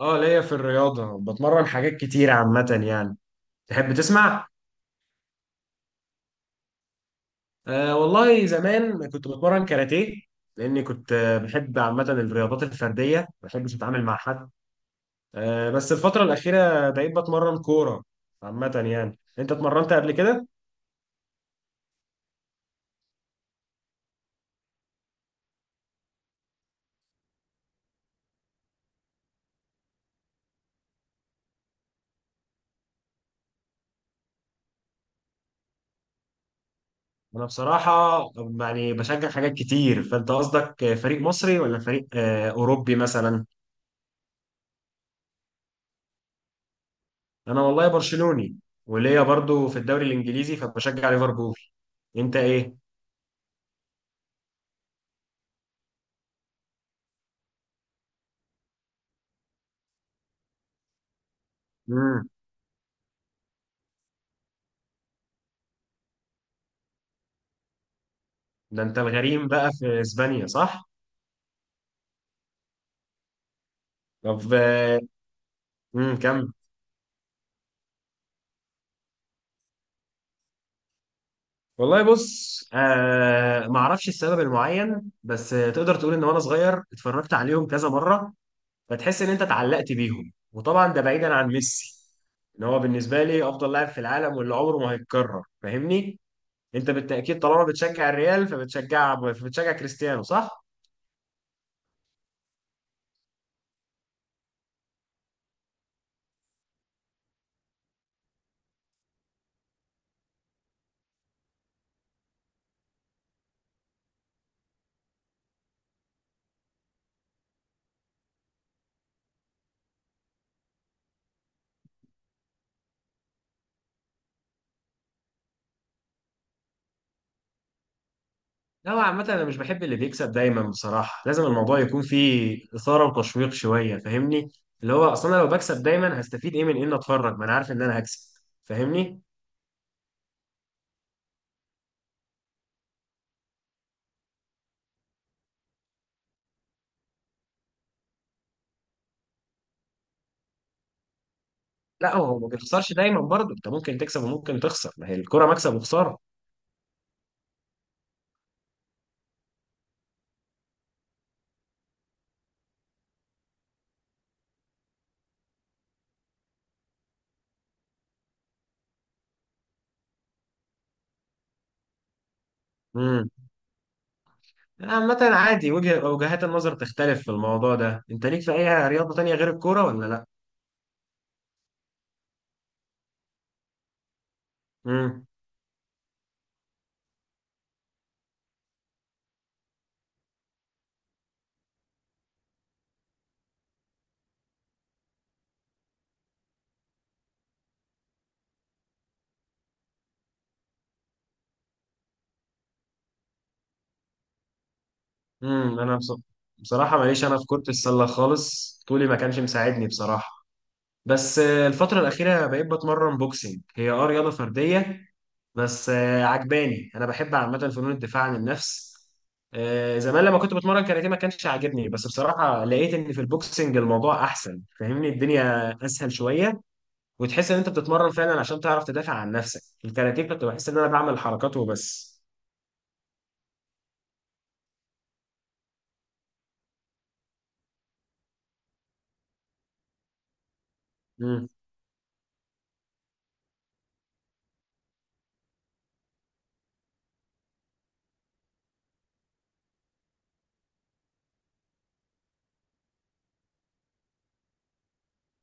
اه، ليا في الرياضة بتمرن حاجات كتير عامة يعني. تحب تسمع؟ آه، والله زمان كنت بتمرن كاراتيه. لأني كنت بحب عامة الرياضات الفردية، ما بحبش أتعامل مع حد. بس الفترة الأخيرة بقيت بتمرن كورة. عامة يعني أنت اتمرنت قبل كده؟ أنا بصراحة يعني بشجع حاجات كتير. فأنت قصدك فريق مصري ولا فريق أوروبي مثلا؟ أنا والله برشلوني، وليا برضو في الدوري الإنجليزي فبشجع ليفربول. أنت إيه؟ مم. ده انت الغريم بقى في اسبانيا صح؟ طب كمل. والله بص، ما اعرفش السبب المعين، بس تقدر تقول ان وانا صغير اتفرجت عليهم كذا مره. فتحس ان انت اتعلقت بيهم، وطبعا ده بعيدا عن ميسي. ان هو بالنسبه لي افضل لاعب في العالم واللي عمره ما هيتكرر، فاهمني؟ انت بالتاكيد طالما بتشجع الريال فبتشجع كريستيانو صح؟ لا، هو عامة أنا مش بحب اللي بيكسب دايما بصراحة. لازم الموضوع يكون فيه إثارة وتشويق شوية، فاهمني؟ اللي هو أصلا أنا لو بكسب دايما هستفيد إيه من إن أتفرج؟ ما أنا عارف إن أنا هكسب، فاهمني؟ لا، هو ما بتخسرش دايما برضه، أنت ممكن تكسب وممكن تخسر. ما هي الكرة مكسب وخسارة. امم عامة عادي وجهات النظر تختلف في الموضوع ده. أنت ليك في أي رياضة تانية غير الكورة ولا لا؟ امم امم أنا بص- بصراحة ماليش أنا في كرة السلة خالص، طولي ما كانش مساعدني بصراحة. بس الفترة الأخيرة بقيت بتمرن بوكسينج، هي رياضة فردية. بس عجباني، أنا بحب عامة فنون الدفاع عن النفس. زمان لما كنت بتمرن كاراتيه ما كانش عاجبني، بس بصراحة لقيت إن في البوكسينج الموضوع أحسن، فاهمني؟ الدنيا أسهل شوية وتحس إن أنت بتتمرن فعلا عشان تعرف تدافع عن نفسك. الكاراتيه كنت بحس إن أنا بعمل حركات وبس. مم.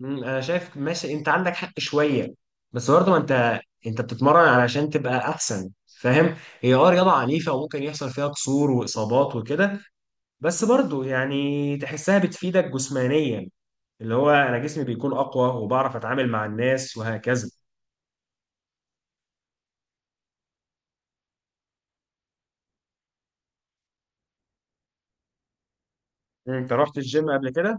انا شايف، ماشي انت عندك حق شويه. بس برضه ما انت بتتمرن علشان تبقى احسن، فاهم؟ هي رياضه عنيفه وممكن يحصل فيها كسور واصابات وكده، بس برضه يعني تحسها بتفيدك جسمانيا. اللي هو انا جسمي بيكون اقوى وبعرف اتعامل مع الناس وهكذا. انت رحت الجيم قبل كده؟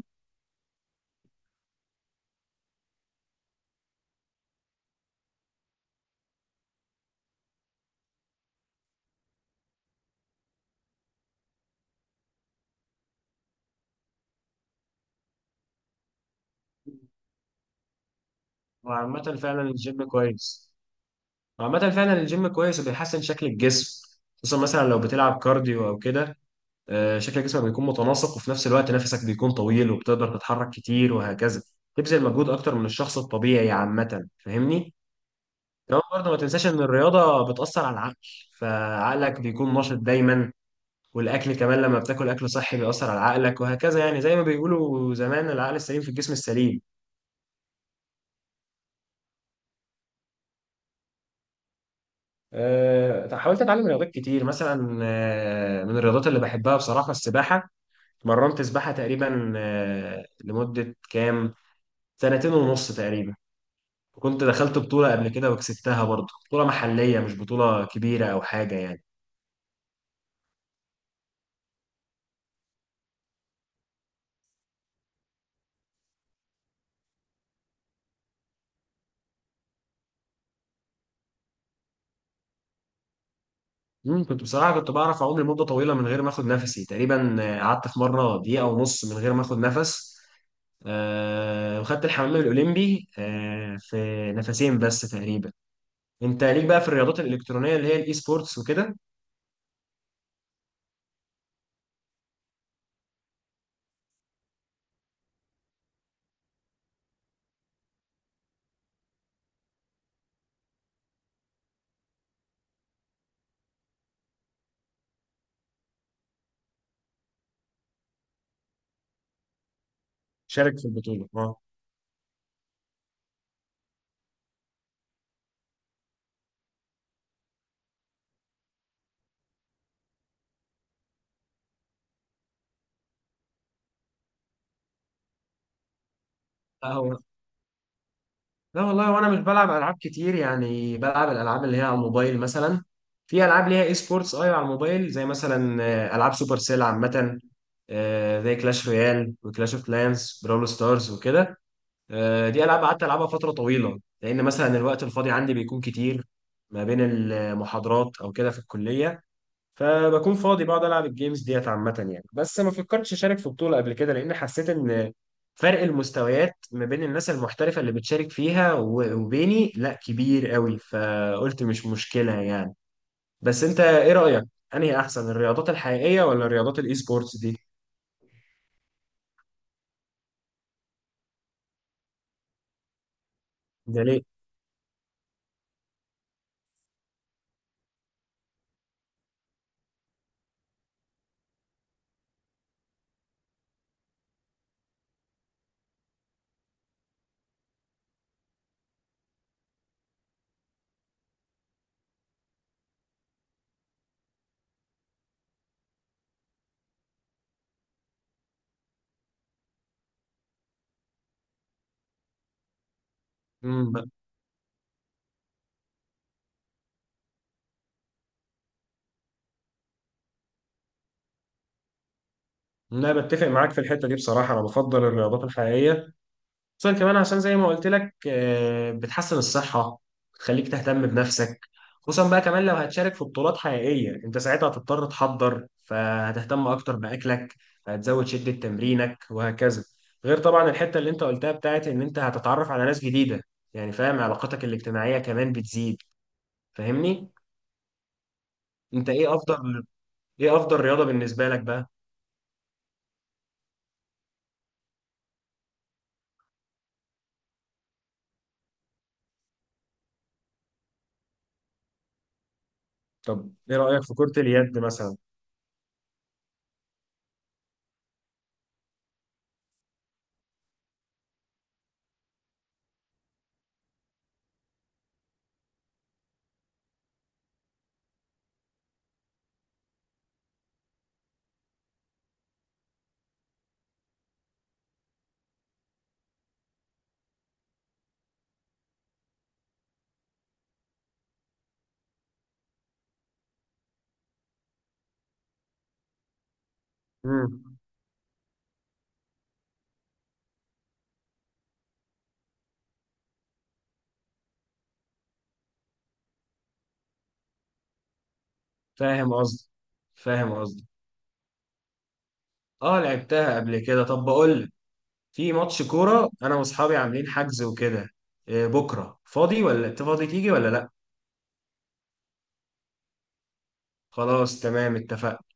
وعامه فعلا الجيم كويس وعامه فعلا الجيم كويس وبيحسن شكل الجسم. خصوصا مثلا لو بتلعب كارديو او كده، شكل جسمك بيكون متناسق، وفي نفس الوقت نفسك بيكون طويل وبتقدر تتحرك كتير وهكذا. تبذل مجهود اكتر من الشخص الطبيعي عامة، فاهمني؟ كمان برضه ما تنساش ان الرياضة بتأثر على العقل، فعقلك بيكون نشط دايما. والاكل كمان لما بتاكل اكل صحي بيأثر على عقلك وهكذا، يعني زي ما بيقولوا زمان، العقل السليم في الجسم السليم. أه، حاولت اتعلم رياضات كتير. مثلا من الرياضات اللي بحبها بصراحة، السباحة. مرنت سباحة تقريبا لمدة كام، سنتين ونص تقريبا. كنت دخلت بطولة قبل كده وكسبتها برضه، بطولة محلية مش بطولة كبيرة أو حاجة يعني. مم، كنت بصراحة كنت بعرف أعوم لمدة طويلة من غير ما آخد نفسي. تقريبا قعدت في مرة دقيقة ونص من غير ما آخد نفس. وخدت الحمام الأولمبي في نفسين بس تقريبا. أنت ليك بقى في الرياضات الإلكترونية اللي هي الإي سبورتس وكده؟ شارك في البطولة. اه، لا والله، وانا مش بلعب العاب كتير يعني. بلعب الالعاب اللي هي على الموبايل مثلا. في العاب ليها اي سبورتس، ايوه على الموبايل، زي مثلا العاب سوبر سيل عامه، زي كلاش رويال وكلاش اوف كلانس براول ستارز وكده. دي العاب قعدت العبها فتره طويله لان مثلا الوقت الفاضي عندي بيكون كتير. ما بين المحاضرات او كده في الكليه، فبكون فاضي بقعد العب الجيمز ديت عامه يعني. بس ما فكرتش اشارك في بطوله قبل كده لان حسيت ان فرق المستويات ما بين الناس المحترفه اللي بتشارك فيها وبيني لا كبير قوي، فقلت مش مشكله يعني. بس انت ايه رايك، انهي احسن، الرياضات الحقيقيه ولا رياضات الاي سبورتس دي؟ ده ليه؟ امم لا، بتفق معاك في الحته دي بصراحه، انا بفضل الرياضات الحقيقيه. خصوصا كمان عشان زي ما قلت لك، بتحسن الصحة، بتخليك تهتم بنفسك. خصوصا بقى كمان لو هتشارك في بطولات حقيقية انت ساعتها هتضطر تحضر، فهتهتم اكتر بأكلك. هتزود شدة تمرينك وهكذا. غير طبعا الحتة اللي انت قلتها بتاعت ان انت هتتعرف على ناس جديدة، يعني فاهم؟ علاقاتك الاجتماعية كمان بتزيد، فاهمني؟ انت ايه افضل رياضة بالنسبة لك بقى؟ طب ايه رأيك في كرة اليد مثلا؟ امم. فاهم قصدي. فاهم قصدي. اه، لعبتها قبل كده. طب بقول لك، في ماتش كورة انا واصحابي عاملين حجز وكده. إيه، بكرة فاضي ولا انت فاضي تيجي ولا لا؟ خلاص تمام، اتفقنا.